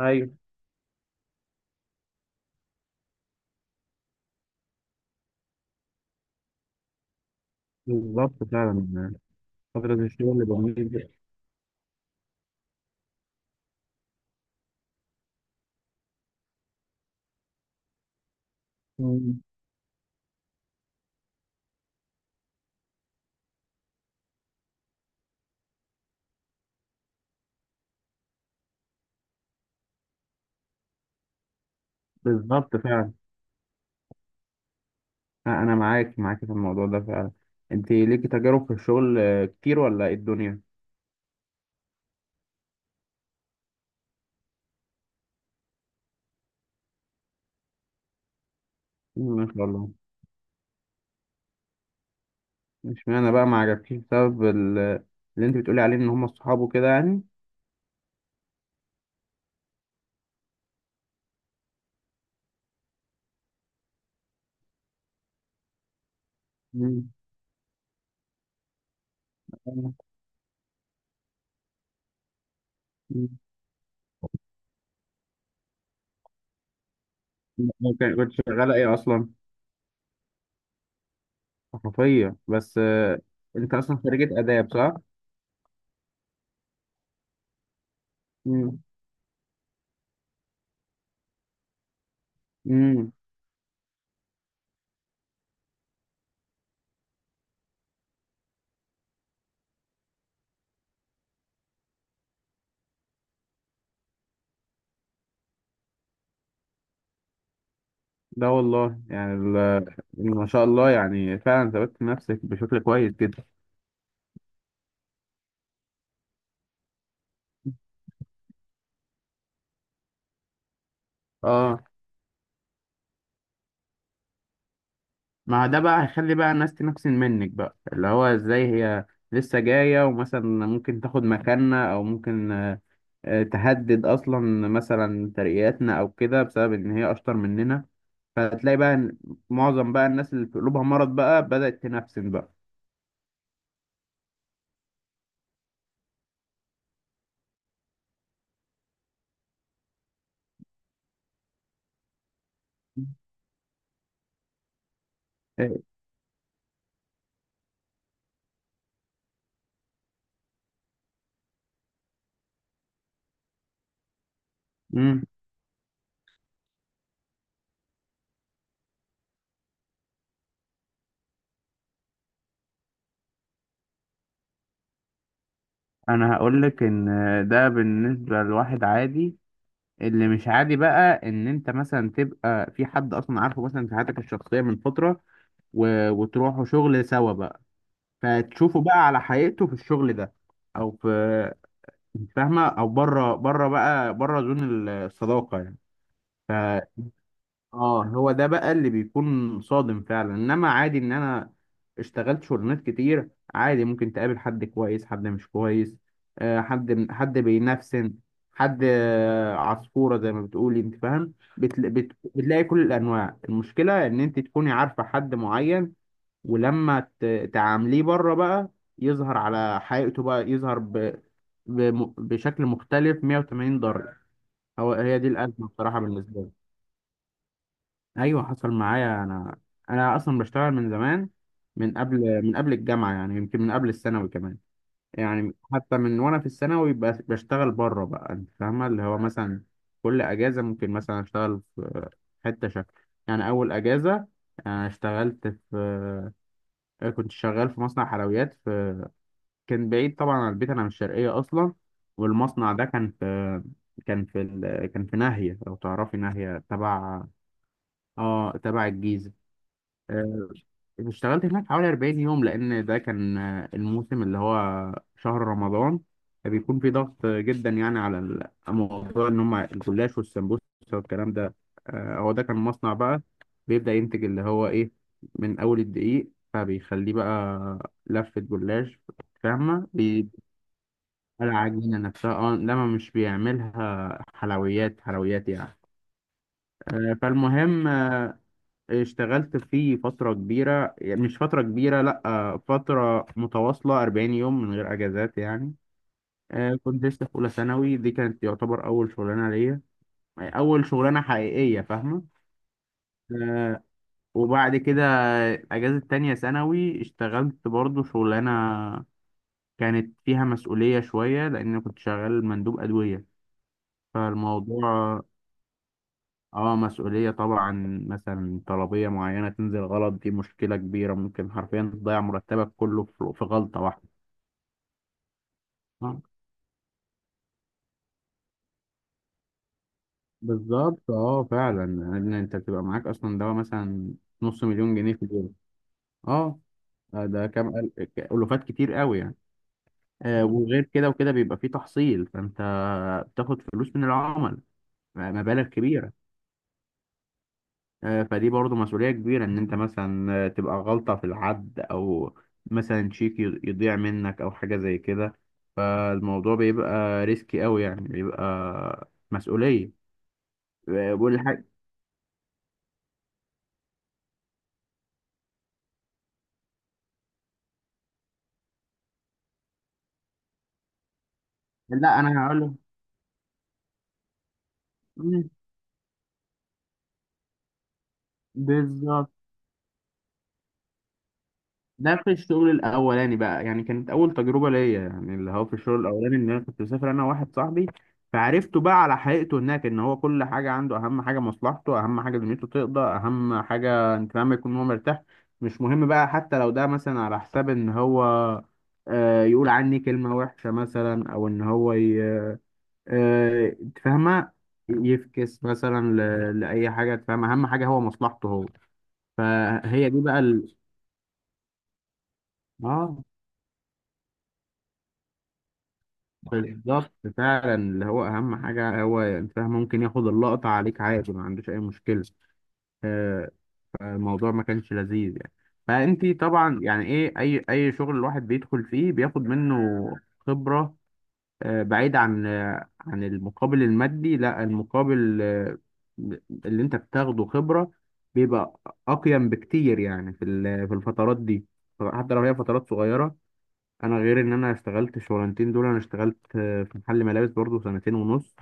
ايوه، بالظبط فعلا فترة الشغل اللي بميل بيها. مم. بالظبط فعلا، انا معاك في الموضوع ده فعلا. انت ليكي تجارب في الشغل كتير ولا ايه الدنيا؟ ما شاء الله. اشمعنى بقى ما عجبكيش بسبب اللي انت بتقولي عليه ان هم الصحاب وكده يعني. مم. آه، مم. كنت شغالة ايه اصلا؟ صحفية بس، انت اصلا خريجة اداب صح؟ مم. مم. ده والله يعني ما شاء الله يعني فعلا ثبتت نفسك بشكل كويس جدا. اه. ما ده بقى هيخلي بقى الناس تنفسن منك، بقى اللي هو ازاي هي لسه جاية ومثلا ممكن تاخد مكاننا او ممكن تهدد اصلا مثلا ترقياتنا او كده بسبب ان هي اشطر مننا. فتلاقي بقى إن معظم بقى الناس اللي في قلوبها مرض بقى بدأت تنفسن بقى. إيه. مم. انا هقول لك ان ده بالنسبه لواحد عادي، اللي مش عادي بقى ان انت مثلا تبقى في حد اصلا عارفه مثلا في حياتك الشخصيه من فتره وتروحوا شغل سوا بقى، فتشوفه بقى على حقيقته في الشغل ده، او في، انت فاهمه، او بره بره بقى بره زون الصداقه يعني. ف اه هو ده بقى اللي بيكون صادم فعلا، انما عادي ان انا اشتغلت شغلانات كتير، عادي ممكن تقابل حد كويس، حد مش كويس، حد بينفسن، حد عصفوره زي ما بتقولي، انت فاهم؟ بتلاقي كل الانواع. المشكله ان انت تكوني عارفه حد معين ولما تعامليه بره بقى، يظهر على حقيقته بقى، يظهر بشكل مختلف 180 درجة. هي دي الأزمة بصراحة بالنسبة لي. أيوة، حصل معايا أنا أصلا بشتغل من زمان، من قبل الجامعة يعني، يمكن من قبل الثانوي كمان. يعني حتى من وأنا في الثانوي بشتغل بره بقى، أنت فاهمة اللي هو مثلا كل أجازة ممكن مثلا أشتغل في حتة شكل. يعني أول أجازة أنا اشتغلت في كنت شغال في مصنع حلويات. كان بعيد طبعا عن البيت، انا من الشرقيه اصلا. والمصنع ده كان في ناهيه، لو تعرفي ناهيه، تبع الجيزه. آه، اشتغلت هناك حوالي 40 يوم، لان ده كان الموسم اللي هو شهر رمضان، فبيكون في ضغط جدا يعني على الموضوع، ان هم الجلاش والسمبوسه والكلام ده. هو ده كان مصنع بقى، بيبدا ينتج اللي هو ايه، من اول الدقيق فبيخليه بقى لفه جلاش، فاهمه؟ العجينة نفسها اه، انما مش بيعملها حلويات حلويات يعني. فالمهم، اشتغلت فيه فترة كبيرة يعني، مش فترة كبيرة لأ، فترة متواصلة 40 يوم من غير أجازات يعني. كنت لسه في أولى ثانوي، دي كانت يعتبر أول شغلانة ليا، أول شغلانة حقيقية، فاهمة؟ آه، وبعد كده أجازة تانية ثانوي اشتغلت برضو شغلانة، كانت فيها مسؤولية شوية لأن كنت شغال مندوب أدوية. فالموضوع اه مسؤولية طبعا، مثلا طلبية معينة تنزل غلط، دي مشكلة كبيرة، ممكن حرفيا تضيع مرتبك كله في غلطة واحدة. آه، بالظبط فعلا، لان انت بتبقى معاك اصلا دواء مثلا نص مليون جنيه في اليوم. اه. ده كام ألوفات كتير قوي يعني. وغير كده وكده بيبقى فيه تحصيل، فانت بتاخد فلوس من العمل، مبالغ كبيرة. فدي برضو مسؤولية كبيرة، إن أنت مثلا تبقى غلطة في العد، أو مثلا شيك يضيع منك أو حاجة زي كده. فالموضوع بيبقى ريسكي أوي يعني، بيبقى مسؤولية. والحاجة، لا أنا هقوله. مم، بالظبط. ده في الشغل الاولاني بقى، يعني كانت اول تجربه ليا، يعني اللي هو في الشغل الاولاني ان انا كنت مسافر انا وواحد صاحبي. فعرفته بقى على حقيقته هناك، ان هو كل حاجه عنده اهم حاجه مصلحته، اهم حاجه دنيته تقضى، اهم حاجه، انت فاهم، يكون هو مرتاح. مش مهم بقى حتى لو ده مثلا على حساب ان هو يقول عني كلمه وحشه مثلا، او ان هو أنت فاهمه، يفكس مثلا لاي حاجه، أنت فاهم، اهم حاجه هو مصلحته هو. فهي دي بقى اه، بالظبط فعلا، اللي هو اهم حاجه هو انت ممكن ياخد اللقطه عليك عادي، ما عندوش اي مشكله. آه، فالموضوع ما كانش لذيذ يعني. فانت طبعا يعني ايه، اي شغل الواحد بيدخل فيه بياخد منه خبره. بعيد عن، عن المقابل المادي، لا المقابل، اللي انت بتاخده خبره، بيبقى اقيم بكتير يعني في الفترات دي، حتى لو هي فترات صغيره. انا غير ان انا اشتغلت الشغلانتين دول، انا اشتغلت في محل ملابس برضو سنتين ونص.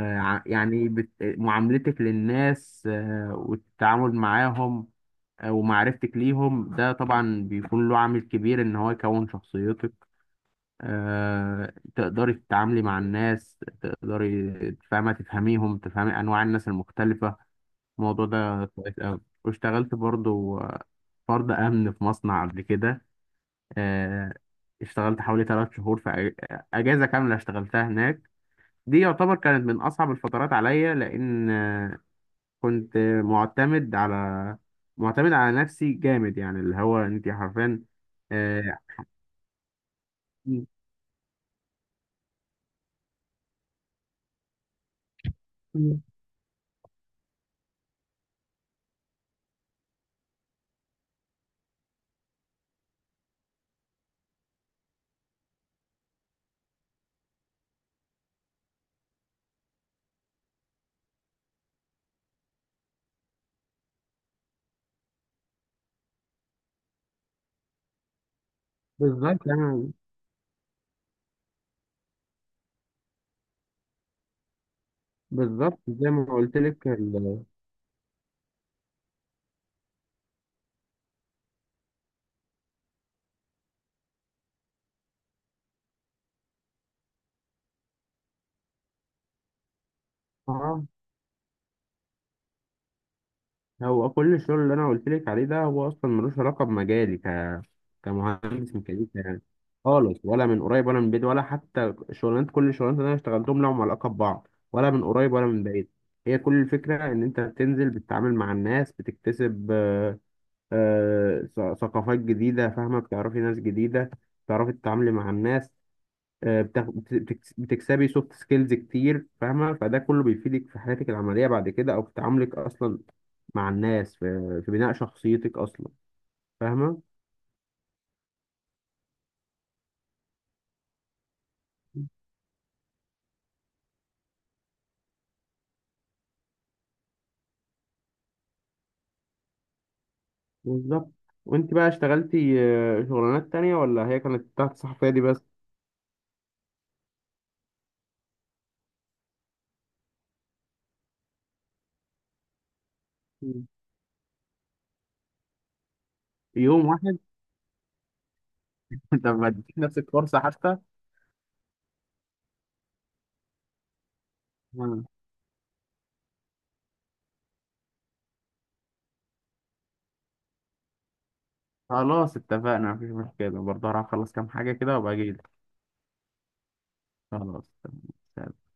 يعني معاملتك للناس والتعامل معاهم ومعرفتك ليهم، ده طبعا بيكون له عامل كبير ان هو يكون شخصيتك، تقدري تتعاملي مع الناس، تقدري، فاهمة؟ تفهميهم، تفهمي انواع الناس المختلفة. الموضوع ده كويس أوي. واشتغلت برضو فرد امن في مصنع قبل كده. آه، اشتغلت حوالي 3 شهور في أجازة كاملة اشتغلتها هناك. دي يعتبر كانت من أصعب الفترات عليا، لأن كنت معتمد على معتمد على نفسي جامد يعني، اللي هو أنت حرفيا. آه، بالظبط أنا. بالظبط زي ما قلت لك اه هو كل الشغل اللي أنا قلت لك عليه ده هو أصلا ملوش علاقة بمجالي، كمهندس ميكانيكا يعني، خالص، ولا من قريب ولا من بعيد. ولا حتى كل الشغلانات اللي انا اشتغلتهم لهم علاقه ببعض، ولا من قريب ولا من بعيد. هي كل الفكره ان انت بتنزل بتتعامل مع الناس، بتكتسب ثقافات جديده، فاهمه؟ بتعرفي ناس جديده، بتعرفي تتعاملي مع الناس، بتكسبي سوفت سكيلز كتير، فاهمه؟ فده كله بيفيدك في حياتك العمليه بعد كده، او في تعاملك اصلا مع الناس، في بناء شخصيتك اصلا، فاهمه؟ بالظبط. وانت بقى اشتغلتي شغلانات تانية، ولا هي كانت تحت الصحفية دي بس؟ مم. يوم واحد؟ طب ما اديتي نفسك فرصة حتى؟ مم. خلاص، اتفقنا، مفيش مشكلة برضه، هروح اخلص كام حاجة كده وابقى اجيلك. خلاص. تمام.